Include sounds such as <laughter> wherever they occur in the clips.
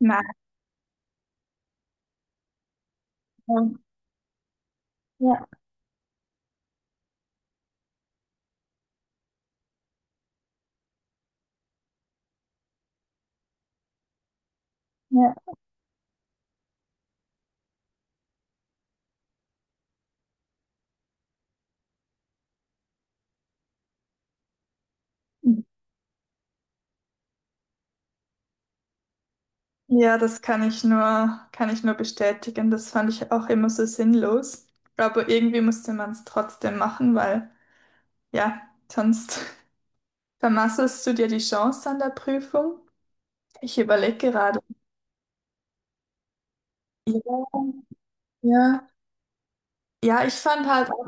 Nein. Ja, ja. Ja, das kann ich nur bestätigen. Das fand ich auch immer so sinnlos. Aber irgendwie musste man es trotzdem machen, weil ja, sonst <laughs> vermasselst du dir die Chance an der Prüfung. Ich überlege gerade. Ja, ja. Ja, ich fand halt auch,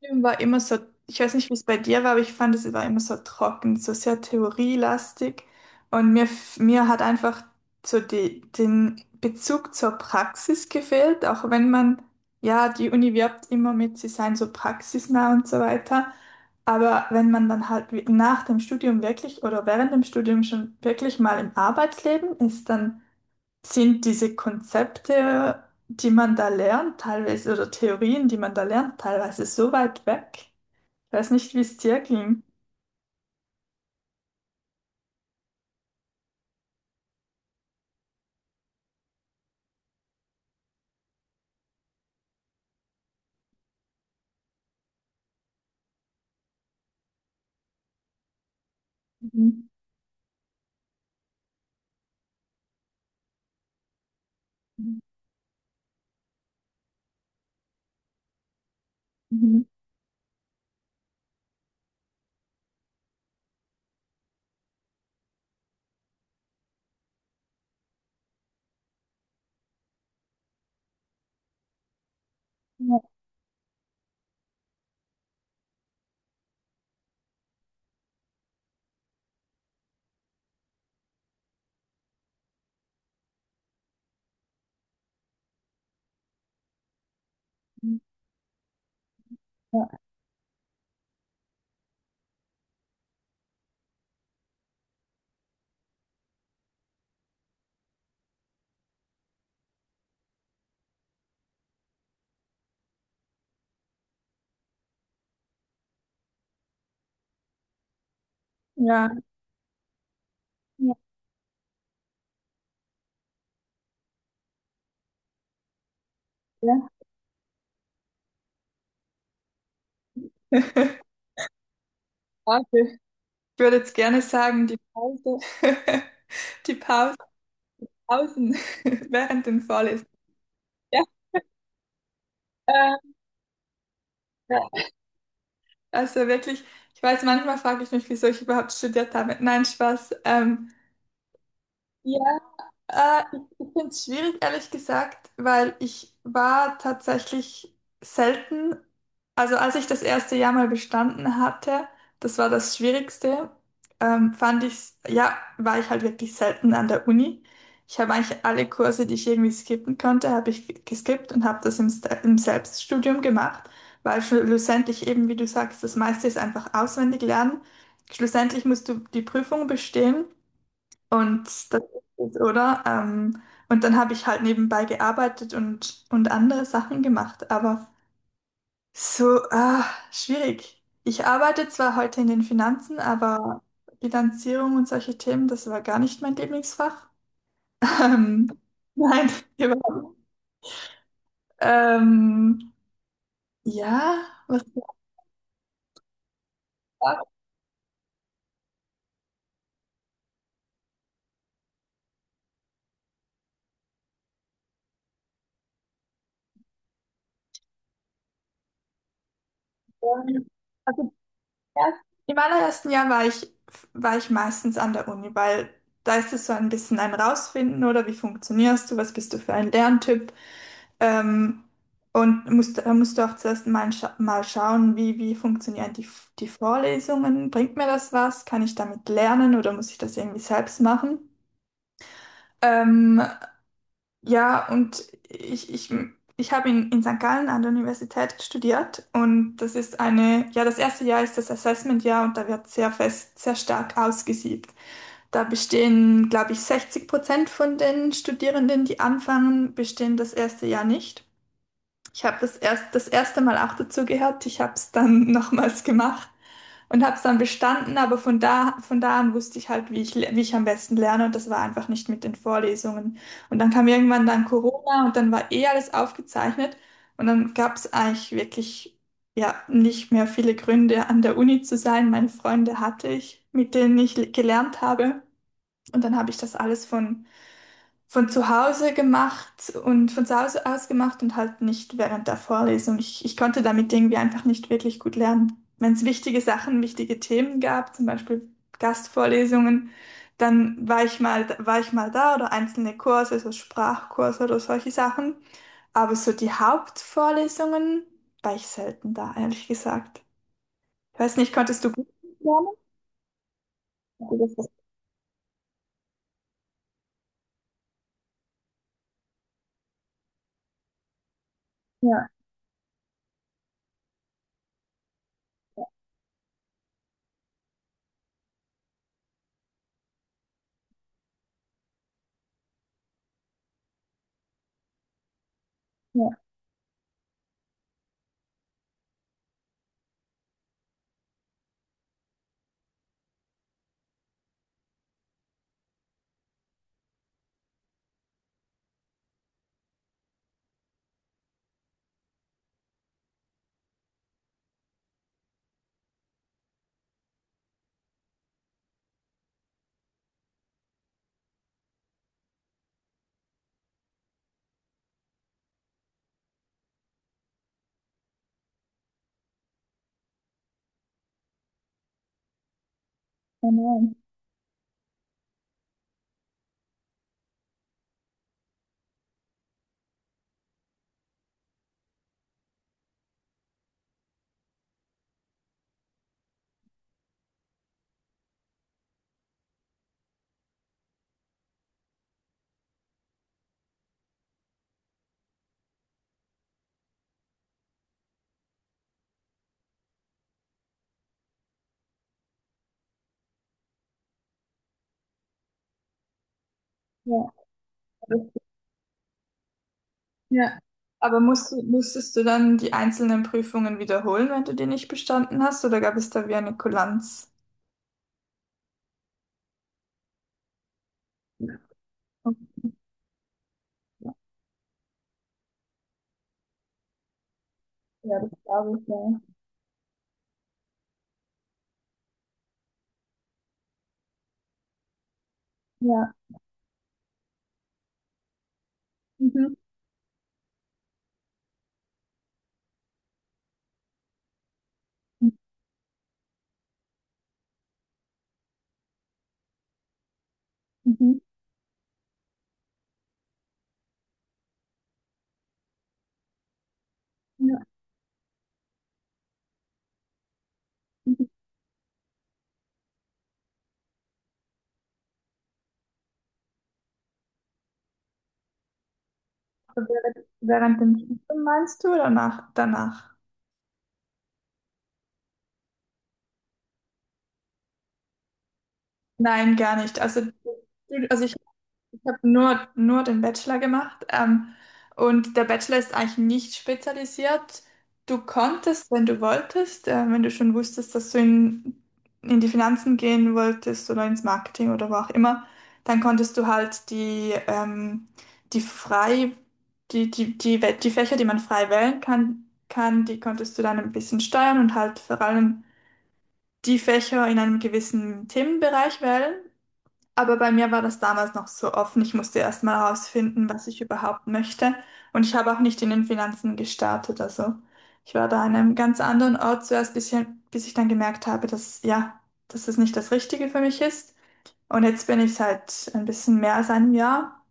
der Film war immer so, ich weiß nicht, wie es bei dir war, aber ich fand, es war immer so trocken, so sehr theorielastig. Und mir, mir hat einfach so die, den Bezug zur Praxis gefehlt, auch wenn man, ja, die Uni wirbt immer mit, sie seien so praxisnah und so weiter. Aber wenn man dann halt nach dem Studium wirklich oder während dem Studium schon wirklich mal im Arbeitsleben ist, dann sind diese Konzepte, die man da lernt, teilweise, oder Theorien, die man da lernt, teilweise so weit weg. Ich weiß nicht, wie es dir ging. Mhm. Mhm. Ja, ja, ja, ja, ja. <laughs> Warte. Ich würde jetzt gerne sagen, die Pause, <laughs> die Pause, Pausen <laughs> während den Vorlesungen. Ja, äh, ja. Also wirklich, ich weiß, manchmal frage ich mich, wieso ich überhaupt studiert habe. Nein, Spaß. Ich finde es schwierig, ehrlich gesagt, weil ich war tatsächlich selten, also als ich das erste Jahr mal bestanden hatte, das war das Schwierigste, fand ich, ja, war ich halt wirklich selten an der Uni. Ich habe eigentlich alle Kurse, die ich irgendwie skippen konnte, habe ich geskippt und habe das im Selbststudium gemacht, weil schlussendlich eben, wie du sagst, das meiste ist einfach auswendig lernen. Schlussendlich musst du die Prüfung bestehen. Und das ist es, oder? Und dann habe ich halt nebenbei gearbeitet und andere Sachen gemacht. Aber so, ah, schwierig. Ich arbeite zwar heute in den Finanzen, aber Bilanzierung und solche Themen, das war gar nicht mein Lieblingsfach. <laughs> Ähm, nein, <laughs> überhaupt nicht. Ähm, ja, was soll ich sagen? Also, ja, im allerersten Jahr war ich, meistens an der Uni, weil da ist es so ein bisschen ein Rausfinden, oder wie funktionierst du, was bist du für ein Lerntyp? Ähm, und da musst du auch zuerst mal, scha mal schauen, wie funktionieren die Vorlesungen? Bringt mir das was? Kann ich damit lernen oder muss ich das irgendwie selbst machen? Ähm, ja, und ich habe in St. Gallen an der Universität studiert und das ist eine, ja, das erste Jahr ist das Assessment-Jahr und da wird sehr fest, sehr stark ausgesiebt. Da bestehen, glaube ich, 60% von den Studierenden, die anfangen, bestehen das erste Jahr nicht. Ich habe das erst das erste Mal auch dazu gehört. Ich habe es dann <laughs> nochmals gemacht und habe es dann bestanden. Aber von da an wusste ich halt, wie ich am besten lerne. Und das war einfach nicht mit den Vorlesungen. Und dann kam irgendwann dann Corona und dann war eh alles aufgezeichnet. Und dann gab es eigentlich wirklich ja nicht mehr viele Gründe, an der Uni zu sein. Meine Freunde hatte ich, mit denen ich gelernt habe. Und dann habe ich das alles von zu Hause gemacht und von zu Hause aus gemacht und halt nicht während der Vorlesung. Ich konnte damit irgendwie einfach nicht wirklich gut lernen. Wenn es wichtige Sachen, wichtige Themen gab, zum Beispiel Gastvorlesungen, dann war ich mal da oder einzelne Kurse, so Sprachkurse oder solche Sachen. Aber so die Hauptvorlesungen war ich selten da, ehrlich gesagt. Ich weiß nicht, konntest du gut lernen? Ja, ja, ja. Ja. Aber musstest du dann die einzelnen Prüfungen wiederholen, wenn du die nicht bestanden hast, oder gab es da wie eine Kulanz? Ja, ja, das glaube ich, ja. Ja. Mhm. Mhm. Ja. Mhm. Während dem Studium meinst du oder danach? Nein, gar nicht. Also, du- also ich Ich habe nur den Bachelor gemacht. Und der Bachelor ist eigentlich nicht spezialisiert. Du konntest, wenn du wolltest, wenn du schon wusstest, dass du in die Finanzen gehen wolltest oder ins Marketing oder wo auch immer, dann konntest du halt die frei, die die Fächer, die man frei wählen kann, die konntest du dann ein bisschen steuern und halt vor allem die Fächer in einem gewissen Themenbereich wählen. Aber bei mir war das damals noch so offen. Ich musste erst mal herausfinden, was ich überhaupt möchte. Und ich habe auch nicht in den Finanzen gestartet. Also ich war da an einem ganz anderen Ort zuerst, bis ich dann gemerkt habe, dass es nicht das Richtige für mich ist. Und jetzt bin ich seit ein bisschen mehr als einem Jahr,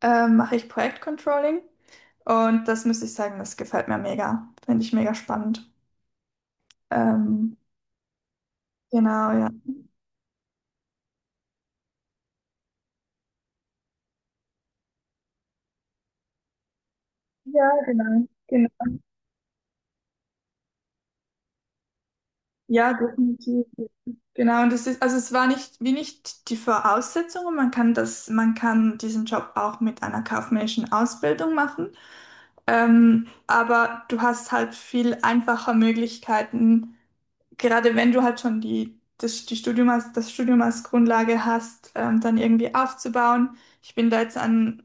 mache ich Projektcontrolling. Und das muss ich sagen, das gefällt mir mega. Finde ich mega spannend. Ähm, genau, ja. Ja, genau, genau. Ja, definitiv. Genau, und das ist, also es war nicht, wie nicht die Voraussetzung, und man kann diesen Job auch mit einer kaufmännischen Ausbildung machen. Aber du hast halt viel einfacher Möglichkeiten, gerade wenn du halt schon die, das, die Studium als, das Studium als Grundlage hast, dann irgendwie aufzubauen. Ich bin da jetzt an,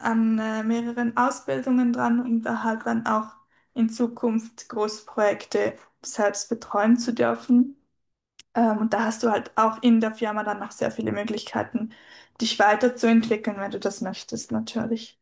an äh, mehreren Ausbildungen dran, um da halt dann auch in Zukunft Großprojekte selbst betreuen zu dürfen. Und da hast du halt auch in der Firma dann noch sehr viele Möglichkeiten, dich weiterzuentwickeln, wenn du das möchtest, natürlich.